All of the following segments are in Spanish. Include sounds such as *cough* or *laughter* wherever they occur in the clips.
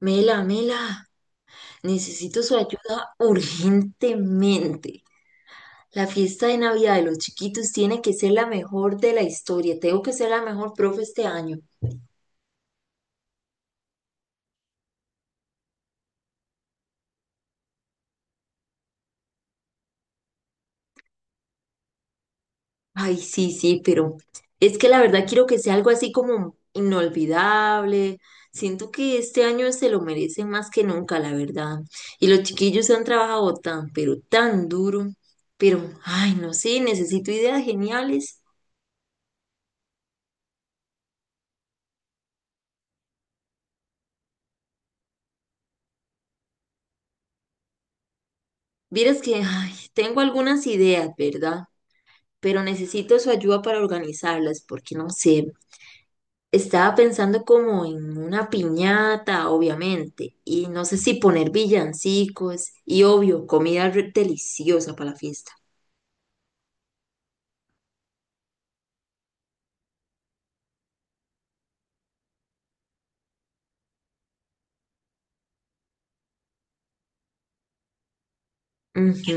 Mela, Mela, necesito su ayuda urgentemente. La fiesta de Navidad de los chiquitos tiene que ser la mejor de la historia. Tengo que ser la mejor profe este año. Ay, sí, sí, pero es que la verdad quiero que sea algo así como inolvidable. Siento que este año se lo merecen más que nunca, la verdad. Y los chiquillos han trabajado tan, pero tan duro. Pero, ay, no sé, necesito ideas geniales. Vieras que, ay, tengo algunas ideas, ¿verdad? Pero necesito su ayuda para organizarlas, porque no sé, estaba pensando como en una piñata, obviamente, y no sé si poner villancicos y obvio, deliciosa para la fiesta. Ujú.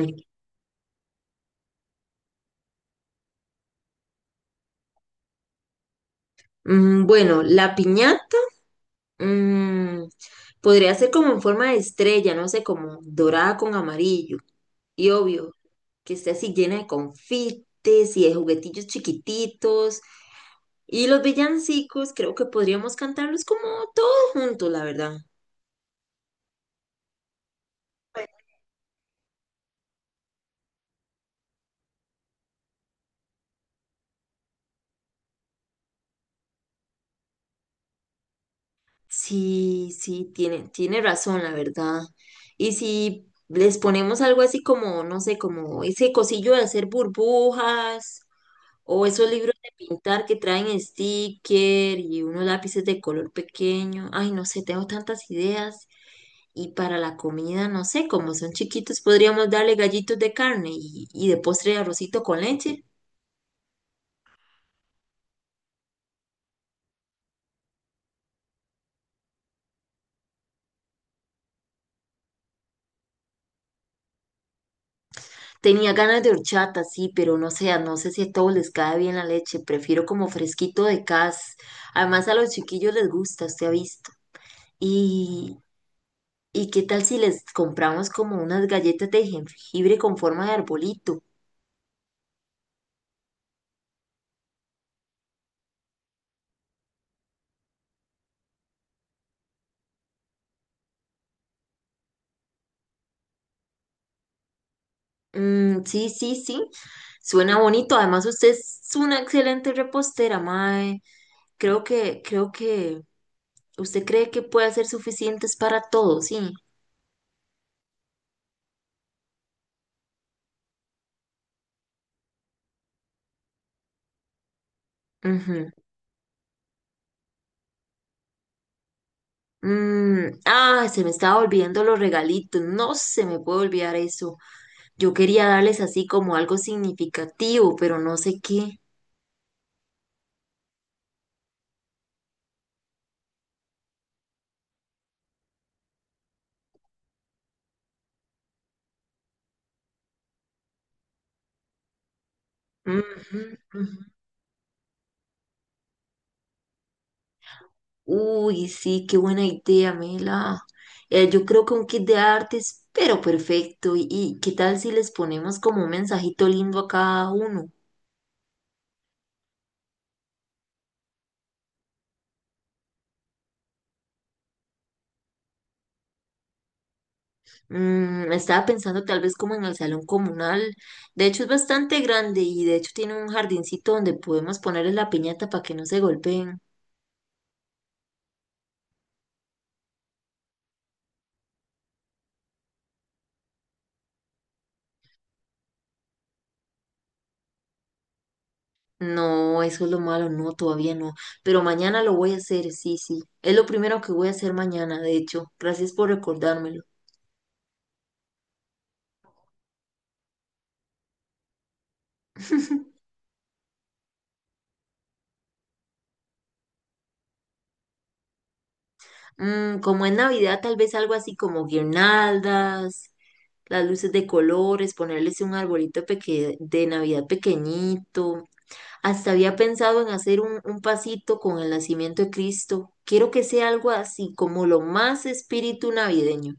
Bueno, la piñata mm, podría ser como en forma de estrella, no sé, como dorada con amarillo, y obvio, que esté así llena de confites y de juguetillos chiquititos. Y los villancicos, creo que podríamos cantarlos como todos juntos, la verdad. Sí, sí, tiene razón, la verdad. Y si les ponemos algo así como, no sé, como ese cosillo de hacer burbujas o esos libros de pintar que traen sticker y unos lápices de color pequeño. Ay, no sé, tengo tantas ideas. Y para la comida, no sé, como son chiquitos, podríamos darle gallitos de carne y de postre arrocito con leche. Tenía ganas de horchata, sí, pero no sé, no sé si a todos les cae bien la leche. Prefiero como fresquito de casa. Además, a los chiquillos les gusta, usted ha visto. Y, ¿Y qué tal si les compramos como unas galletas de jengibre con forma de arbolito? Mm, sí, sí, sí. Suena bonito. Además, usted es una excelente repostera, mae. Creo que usted cree que puede hacer suficientes para todos, sí. Ujú. Se me estaba olvidando los regalitos. No se me puede olvidar eso. Yo quería darles así como algo significativo, pero no sé qué. Ujú, ujú. Uy, sí, qué buena idea, Mela. Yo creo que un kit de artes, pero perfecto. Y qué tal si les ponemos como un mensajito lindo a cada uno? Mm, estaba pensando tal vez como en el salón comunal. De hecho, es bastante grande y de hecho tiene un jardincito donde podemos ponerles la piñata para que no se golpeen. No, eso es lo malo, no, todavía no. Pero mañana lo voy a hacer, sí, sí. Es lo primero que voy a hacer mañana, de hecho. Gracias por recordármelo. *laughs* Mm, como es Navidad, tal vez algo así como guirnaldas, las luces de colores, ponerles un de Navidad pequeñito. Hasta había pensado en hacer un pasito con el nacimiento de Cristo. Quiero que sea algo así, como lo más espíritu navideño.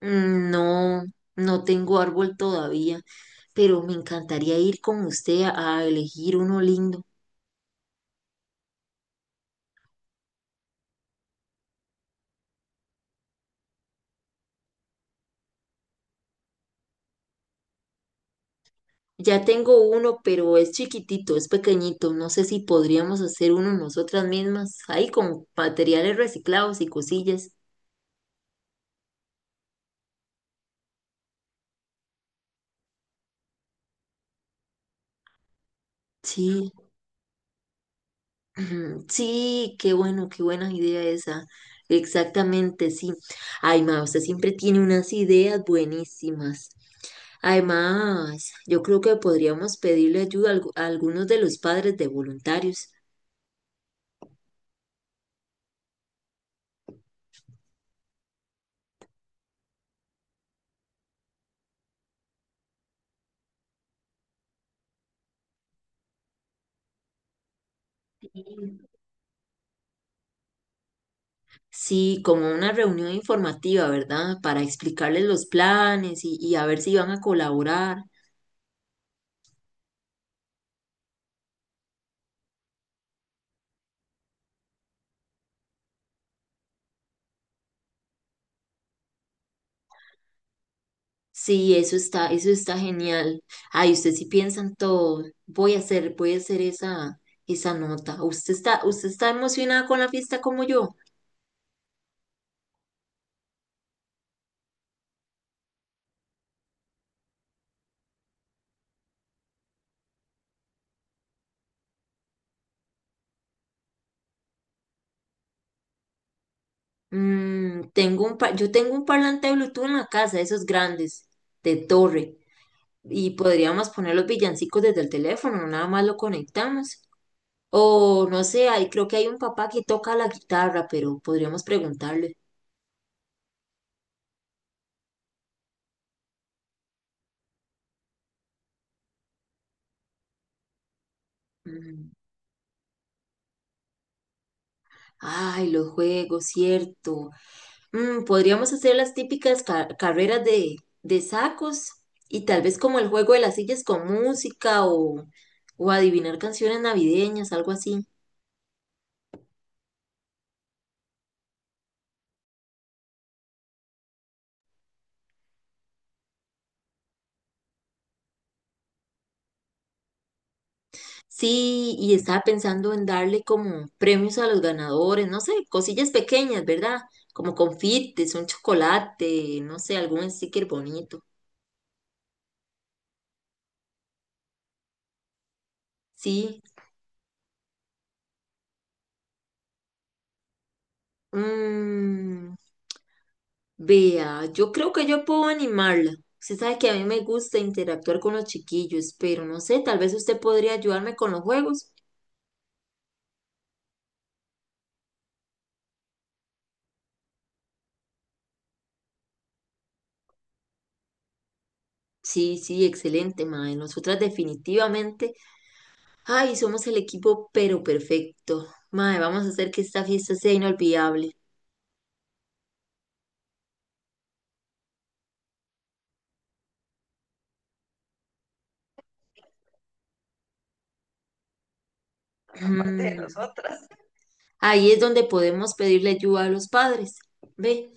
Mm, no, no tengo árbol todavía, pero me encantaría ir con usted a elegir uno lindo. Ya tengo uno, pero es chiquitito, es pequeñito. No sé si podríamos hacer uno nosotras mismas, ahí con materiales reciclados y cosillas. Sí, *clears throat* ujú, sí, qué bueno, qué buena idea esa. Exactamente, sí. Ay, ma, usted siempre tiene unas ideas buenísimas. Además, yo creo que podríamos pedirle ayuda a a algunos de los padres de voluntarios. Sí, como una reunión informativa, ¿verdad? Para explicarles los planes y a ver si van a colaborar. Sí, eso está genial. Ay, usted sí piensa en todo. Voy a hacer esa, esa nota. Usted está emocionada con la fiesta como yo? Mm, yo tengo un parlante de Bluetooth en la casa, esos grandes, de torre. Y podríamos poner los villancicos desde el teléfono, no nada más lo conectamos. O no sé, ahí creo que hay un papá que toca la guitarra, pero podríamos preguntarle. Mm, ay, los juegos, cierto. Mm, podríamos hacer las típicas carreras de sacos y tal vez como el juego de las sillas con música o adivinar canciones navideñas, algo así. Sí, y estaba pensando en darle como premios a los ganadores, no sé, cosillas pequeñas, ¿verdad? Como confites, un chocolate, no sé, algún sticker bonito. Sí. Mm, vea, yo creo que yo puedo animarla. Usted sabe que a mí me gusta interactuar con los chiquillos, pero no sé, tal vez usted podría ayudarme con los juegos. Sí, sí, excelente, mae. Nosotras definitivamente, ay, somos el equipo pero perfecto. Mae, vamos a hacer que esta fiesta sea inolvidable. Aparte, mm, ahí es donde podemos pedirle ayuda a los padres. Ve,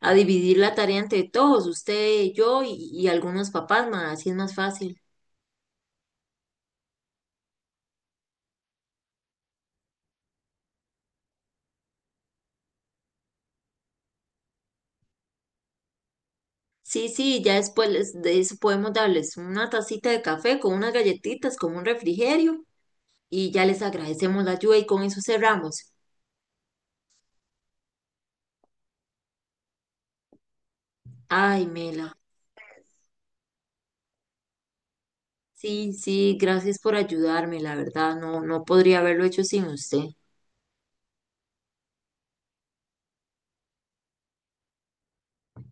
a dividir la tarea entre todos, usted, yo y algunos papás, más, así es más fácil. Sí, sí, ya después de eso podemos darles una tacita de café con unas galletitas, con un refrigerio y ya les agradecemos la ayuda y con eso cerramos. Ay, Mela, sí, sí, gracias por ayudarme, la verdad, no, no podría haberlo hecho sin usted.